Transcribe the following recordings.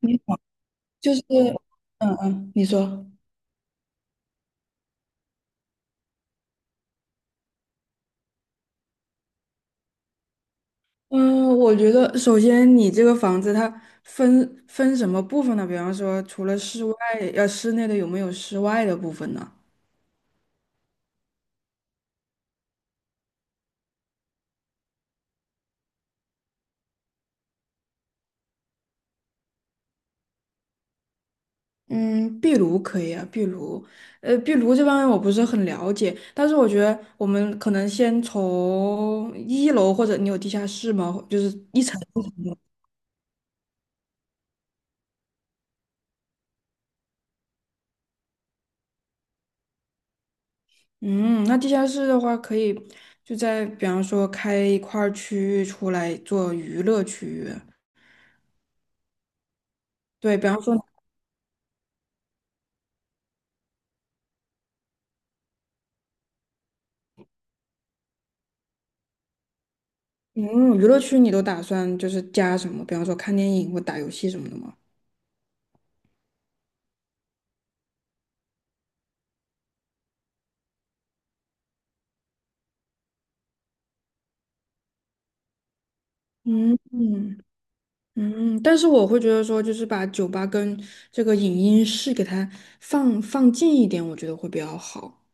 你好。就是，嗯嗯，你说。嗯，我觉得首先你这个房子它分什么部分呢？比方说，除了室外，室内的有没有室外的部分呢？嗯，壁炉可以啊，壁炉，壁炉这方面我不是很了解，但是我觉得我们可能先从一楼，或者你有地下室吗？就是一层一层的。嗯，那地下室的话，可以就在比方说开一块儿区域出来做娱乐区域。对，比方说。嗯，娱乐区你都打算就是加什么？比方说看电影或打游戏什么的吗？嗯嗯嗯，但是我会觉得说，就是把酒吧跟这个影音室给它放放近一点，我觉得会比较好。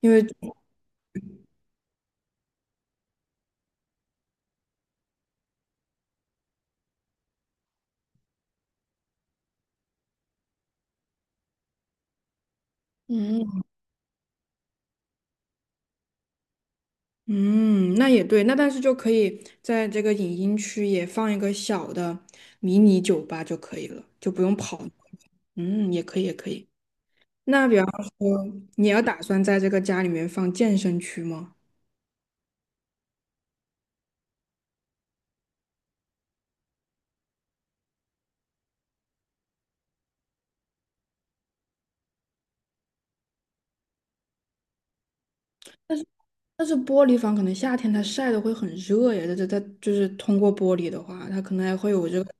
因为，嗯嗯，那也对，那但是就可以在这个影音区也放一个小的迷你酒吧就可以了，就不用跑。嗯，也可以，也可以。那比方说，你要打算在这个家里面放健身区吗？但是但是玻璃房可能夏天它晒的会很热呀，这它就是通过玻璃的话，它可能还会有这个，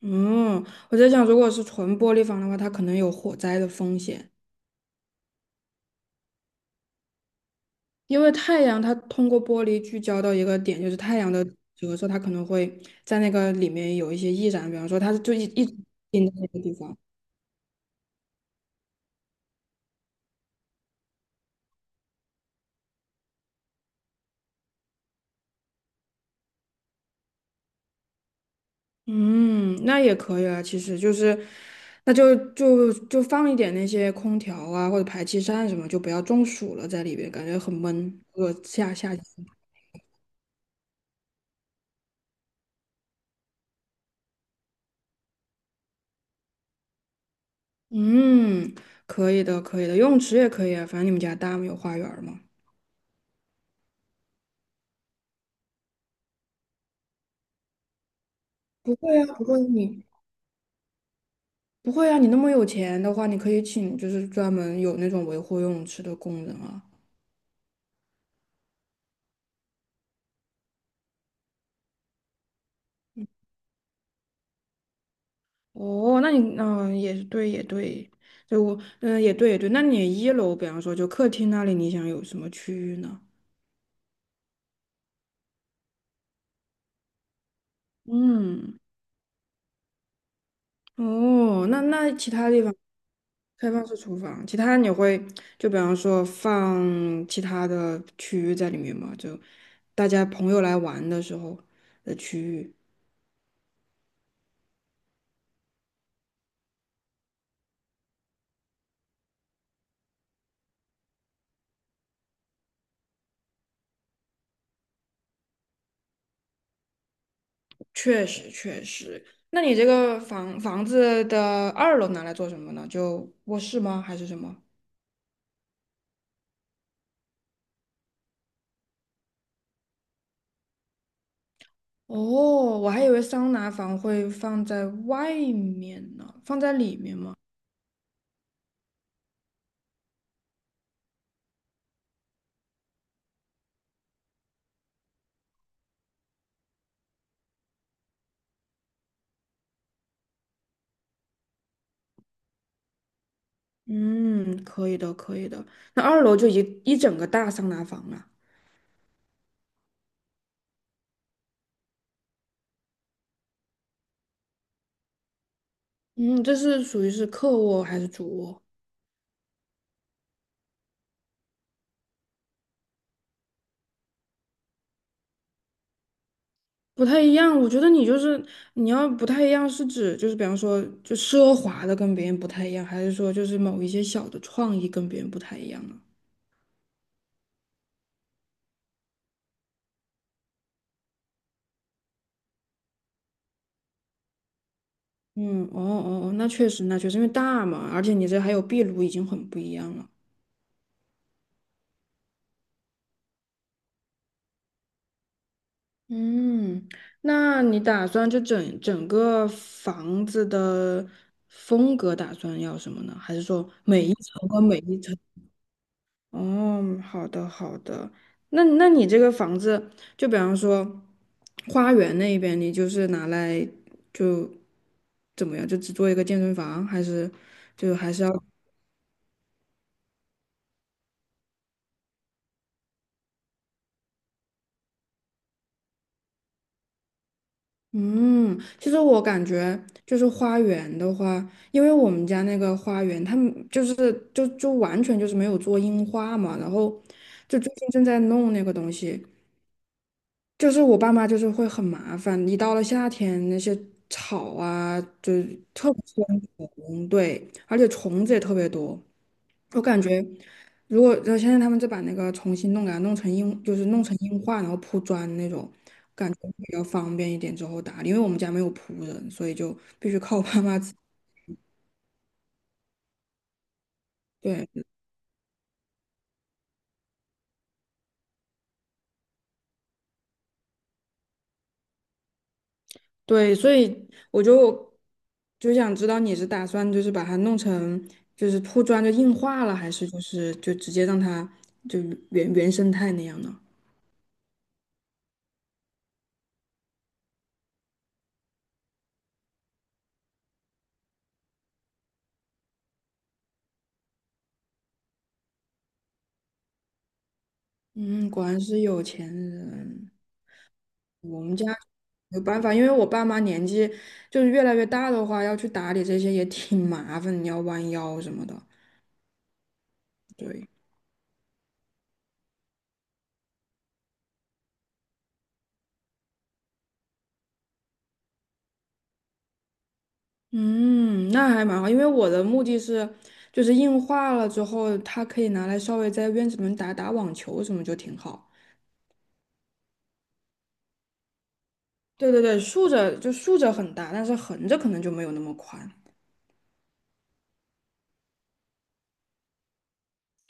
嗯，我在想，如果是纯玻璃房的话，它可能有火灾的风险，因为太阳它通过玻璃聚焦到一个点，就是太阳的折射，它可能会在那个里面有一些易燃，比方说它就一直盯在那个地方。嗯，那也可以啊，其实就是，那就放一点那些空调啊或者排气扇什么，就不要中暑了在里边，感觉很闷。如果夏天，嗯，可以的，可以的，游泳池也可以啊，反正你们家大吗？有花园儿吗？不会啊，不会啊，你那么有钱的话，你可以请就是专门有那种维护游泳池的工人啊。哦，那你也对，也对，对我也对也对就我也对也对，那你一楼比方说就客厅那里，你想有什么区域呢？嗯，哦，那其他地方。开放式厨房，其他你会就比方说放其他的区域在里面吗？就大家朋友来玩的时候的区域。确实确实，那你这个房子的二楼拿来做什么呢？就卧室吗？还是什么？哦，我还以为桑拿房会放在外面呢，放在里面吗？嗯，可以的，可以的。那二楼就一整个大桑拿房了。嗯，这是属于是客卧还是主卧？不太一样，我觉得你就是你要不太一样，是指就是比方说就奢华的跟别人不太一样，还是说就是某一些小的创意跟别人不太一样呢？嗯，哦哦哦，那确实，那确实，因为大嘛，而且你这还有壁炉，已经很不一样了。嗯，那你打算就整个房子的风格打算要什么呢？还是说每一层跟每一层？哦，好的好的，那你这个房子，就比方说花园那边，你就是拿来就怎么样，就只做一个健身房，还是就还是要？嗯，其实我感觉就是花园的话，因为我们家那个花园，他们就是就完全就是没有做硬化嘛，然后就最近正在弄那个东西，就是我爸妈就是会很麻烦，一到了夏天那些草啊，就是特别喜欢虫，对，而且虫子也特别多。我感觉，如果现在他们就把那个重新弄给它弄成硬，就是弄成硬化，然后铺砖那种，感觉比较方便一点之后打理。因为我们家没有仆人，所以就必须靠我爸妈自己。对，对，所以我就想知道你是打算就是把它弄成，就是铺砖就硬化了，还是就是就直接让它就原生态那样呢？嗯，果然是有钱人。没有办法，因为我爸妈年纪就是越来越大的话，要去打理这些也挺麻烦，你要弯腰什么的。对，嗯，那还蛮好，因为我的目的是就是硬化了之后，它可以拿来稍微在院子里面打打网球什么就挺好。对对对，竖着就竖着很大，但是横着可能就没有那么宽。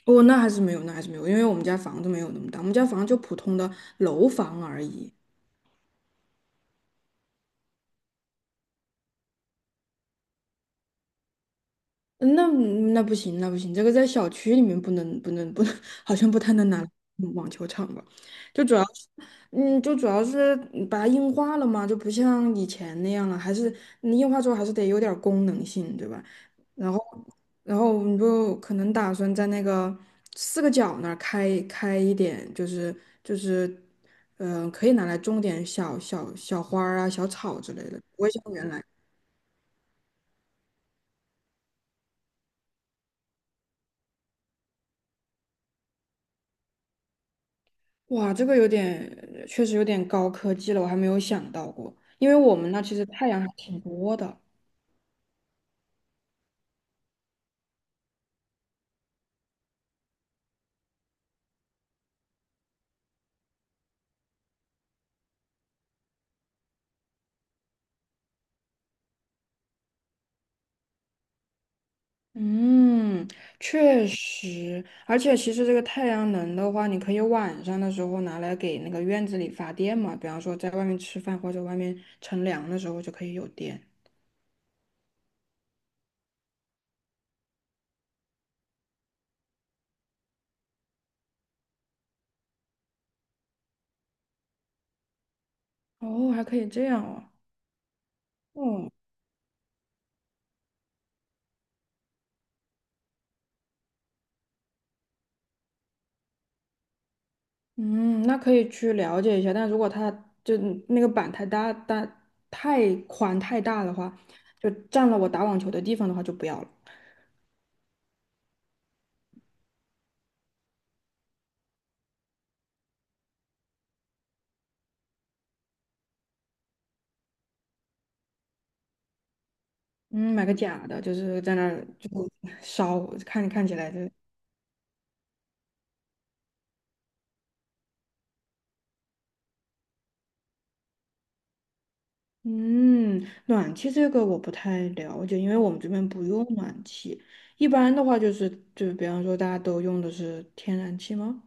哦，那还是没有，那还是没有，因为我们家房子没有那么大，我们家房子就普通的楼房而已。嗯，那不行，那不行，这个在小区里面不能不能不能，好像不太能拿来网球场吧？就主要是，就主要是把它硬化了嘛，就不像以前那样了，还是你硬化之后还是得有点儿功能性，对吧？然后，然后我们就可能打算在那个四个角那儿开开一点，就是，可以拿来种点小花儿啊、小草之类的，我也想原来。哇，这个有点，确实有点高科技了，我还没有想到过，因为我们那其实太阳还挺多的。嗯，确实，而且其实这个太阳能的话，你可以晚上的时候拿来给那个院子里发电嘛，比方说在外面吃饭或者外面乘凉的时候就可以有电。哦，还可以这样哦。哦，嗯，那可以去了解一下，但如果它就那个板太大、大太宽太大的话，就占了我打网球的地方的话就不要了。嗯，买个假的，就是在那儿就烧，看看起来就。嗯，暖气这个我不太了解，因为我们这边不用暖气。一般的话就是，就比方说大家都用的是天然气吗？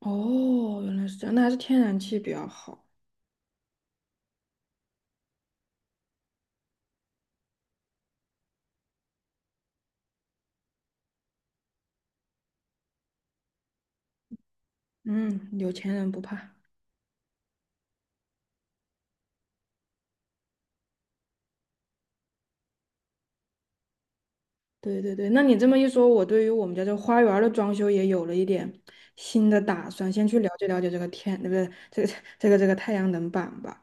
哦，原来是这样，那还是天然气比较好。嗯，有钱人不怕。对对对，那你这么一说，我对于我们家这花园儿的装修也有了一点新的打算，先去了解了解这个天，对不对？这个太阳能板吧。